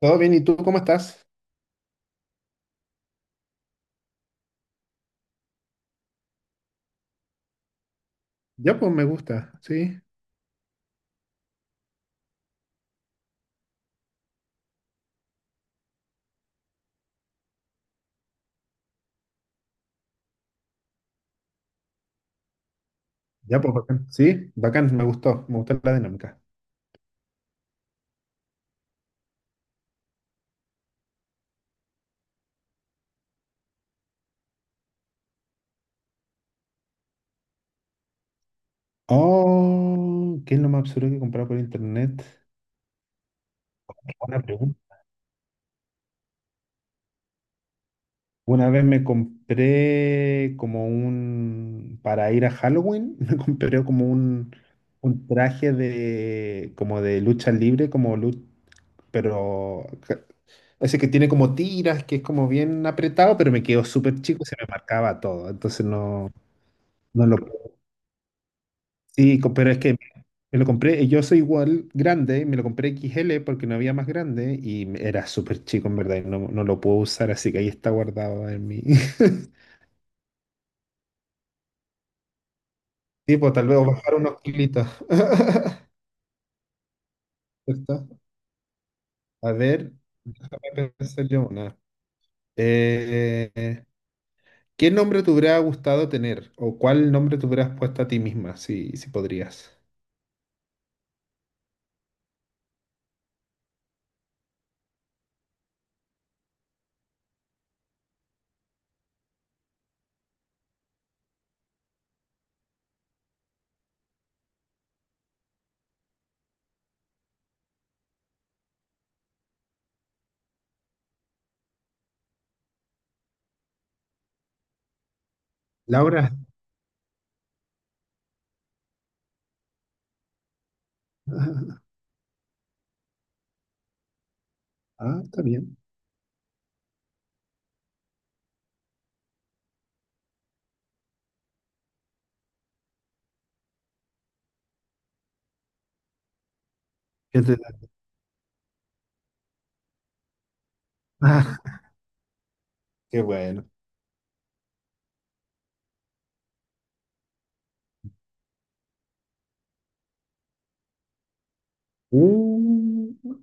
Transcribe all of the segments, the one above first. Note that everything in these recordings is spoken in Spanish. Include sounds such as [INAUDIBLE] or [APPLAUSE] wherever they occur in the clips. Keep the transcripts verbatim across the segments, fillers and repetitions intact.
Todo bien, ¿y tú cómo estás? Ya, pues me gusta, sí. Ya, pues bacán. Sí, bacán, me gustó, me gustó la dinámica. Oh, ¿qué es lo más absurdo que he comprado por internet? Buena pregunta. Una vez me compré como un, para ir a Halloween, [LAUGHS] me compré como un, un traje de, como de lucha libre, como lu- pero ca- ese que tiene como tiras, que es como bien apretado, pero me quedó súper chico, y se me marcaba todo, entonces no, no lo... Sí, co- pero es que me lo compré, y yo soy igual grande, me lo compré X L porque no había más grande y me- era súper chico en verdad y no, no lo puedo usar, así que ahí está guardado en mi... [LAUGHS] Tipo, tal vez bajar unos kilitos. [LAUGHS] ¿Cierto? A ver, déjame pensar yo una. Eh, ¿qué nombre te hubiera gustado tener? ¿O cuál nombre te hubieras puesto a ti misma, si, si podrías? Laura. [LAUGHS] Ah, está bien. ¿Qué te- [LAUGHS] qué bueno. Uh,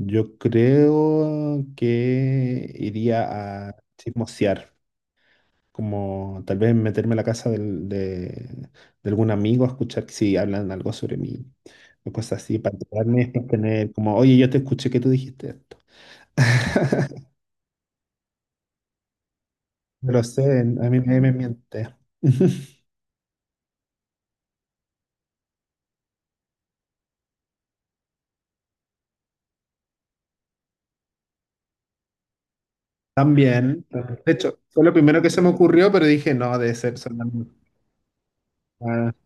yo creo que iría a chismosear, como tal vez meterme a la casa del- de, de algún amigo a escuchar si hablan algo sobre mí o cosas así, para enterarme, para tener como, oye, yo te escuché que tú dijiste esto. [LAUGHS] No lo sé, a mí nadie me miente. [LAUGHS] También, de hecho, fue lo primero que se me ocurrió, pero dije, no, debe ser solamente... ah,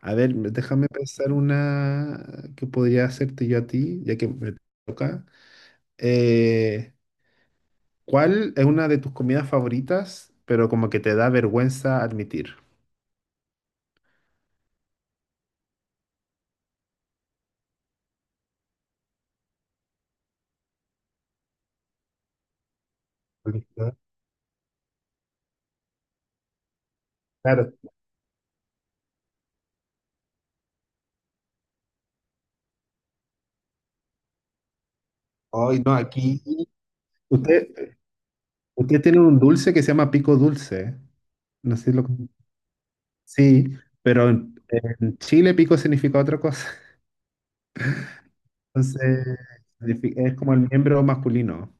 a ver, déjame pensar una que podría hacerte yo a ti, ya que me toca. Eh, ¿cuál es una de tus comidas favoritas, pero como que te da vergüenza admitir? Ahorita. Claro. Hoy no, aquí. Usted, usted tiene un dulce que se llama pico dulce. No sé si lo... Sí, pero en, en Chile pico significa otra cosa. [LAUGHS] Entonces, signifi- es como el miembro masculino.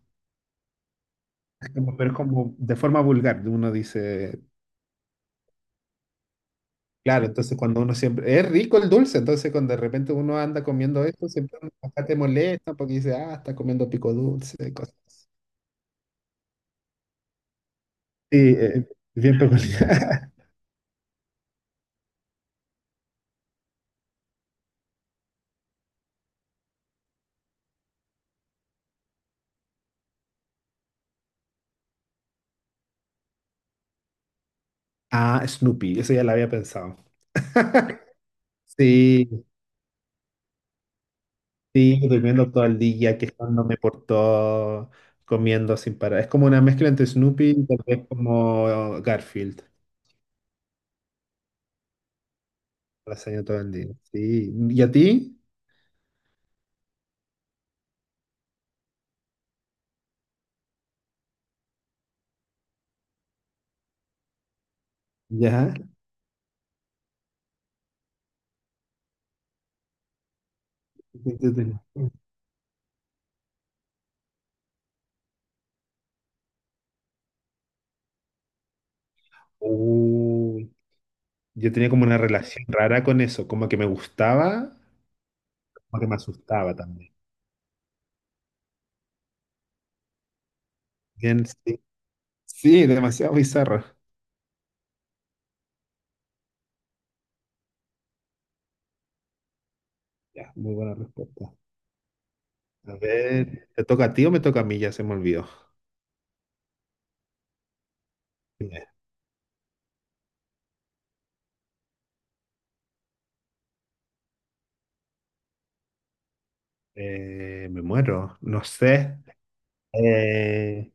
Es como- pero es como de forma vulgar, uno dice claro, entonces cuando uno siempre... Es rico el dulce, entonces cuando de repente uno anda comiendo esto, siempre acá te molesta porque dice, ah, está comiendo pico dulce, cosas así. Sí, eh, bien peculiar. [LAUGHS] Ah, Snoopy, eso ya lo había pensado. Sí, sí, durmiendo todo el día, quejándome por todo, comiendo sin parar. Es como una mezcla entre Snoopy y tal vez como Garfield, lasaña todo el día. Sí, ¿y a ti? Ya. Uy, yo tenía como una relación rara con eso, como que me gustaba, como que me asustaba también. Bien, sí. Sí, demasiado bizarra. Ya, muy buena respuesta. A ver, ¿te toca a ti o me toca a mí? Ya se me olvidó. Dime. Eh, me muero, no sé. Eh,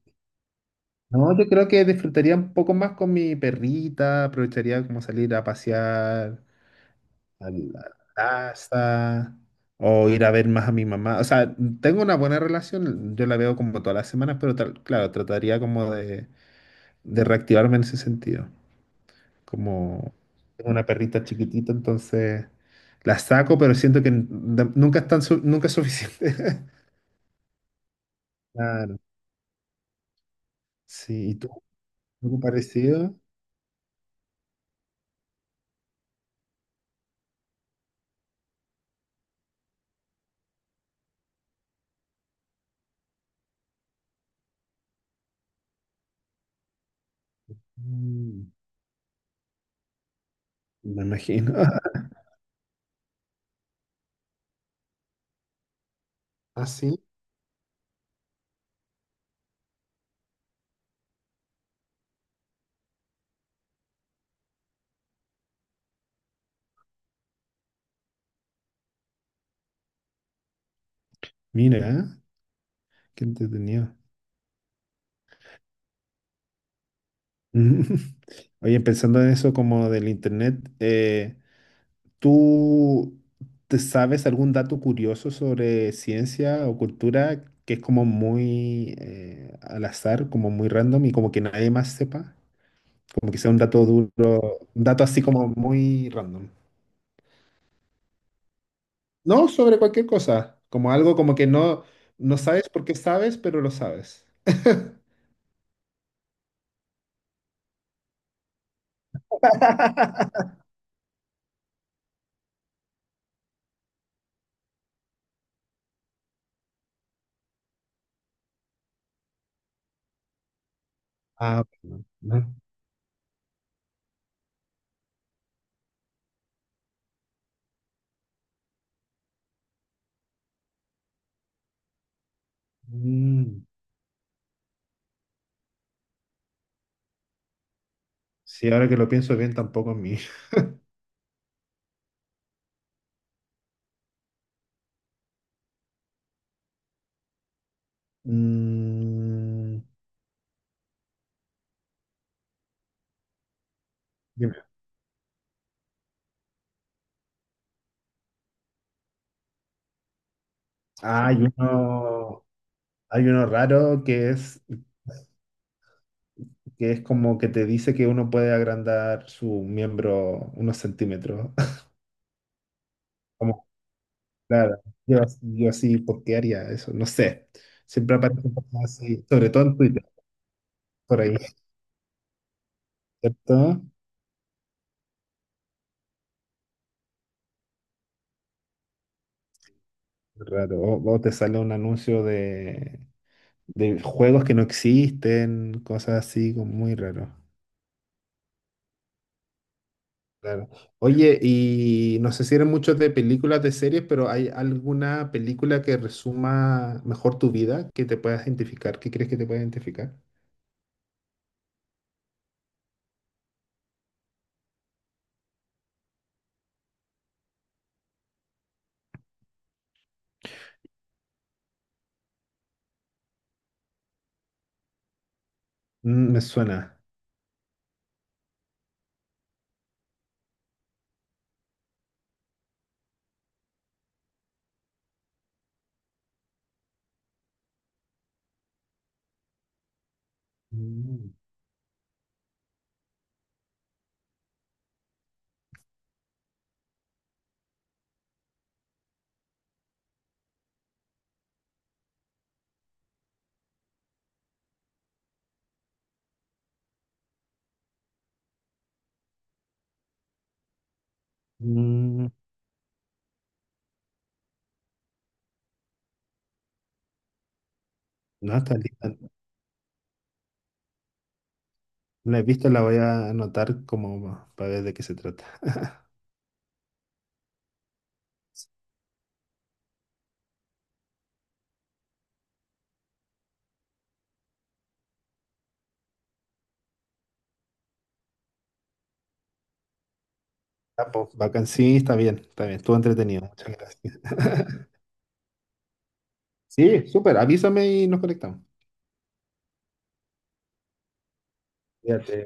no, yo creo que disfrutaría un poco más con mi perrita, aprovecharía como salir a pasear a la plaza o ir a ver más a mi mamá. O sea, tengo una buena relación, yo la veo como todas las semanas, pero tal- claro, trataría como de, de reactivarme en ese sentido. Como tengo una perrita chiquitita, entonces la saco, pero siento que n- de- nunca es tan su- nunca es suficiente. [LAUGHS] Claro. Sí, ¿y tú? ¿Algo parecido? Mm, me imagino. [LAUGHS] Ah, sí. Mira, ¿eh? qué entretenido. [LAUGHS] Oye, pensando en eso como del internet, eh, ¿tú te sabes algún dato curioso sobre ciencia o cultura que es como muy eh, al azar, como muy random y como que nadie más sepa? Como que sea un dato duro, un dato así como muy random. No, sobre cualquier cosa, como algo como que no, no sabes por qué sabes, pero lo sabes. Ah, bueno, no. Mm, sí, ahora que lo pienso bien, tampoco a mí. [LAUGHS] Mm, dime. Ah, hay uno, hay uno raro que es que es como que te dice que uno puede agrandar su miembro unos centímetros. [LAUGHS] Como, claro, yo, yo así, ¿por qué haría eso? No sé. Siempre aparecen cosas así, sobre todo en Twitter, por ahí, [LAUGHS] ¿cierto? Raro. O, o te sale un anuncio de, de juegos que no existen, cosas así, como muy raro. Claro. Oye, y no sé si eres mucho de películas, de series, pero ¿hay alguna película que resuma mejor tu vida, que te puedas identificar, que crees que te pueda identificar? Mm, me suena. Mm, mm, no, está lista. No la he visto, la voy a anotar como para ver de qué se trata. Ah, pues, bacán, sí, está bien, está bien. Estuvo entretenido. Muchas gracias. Sí, súper. Avísame y nos conectamos. Cuídate.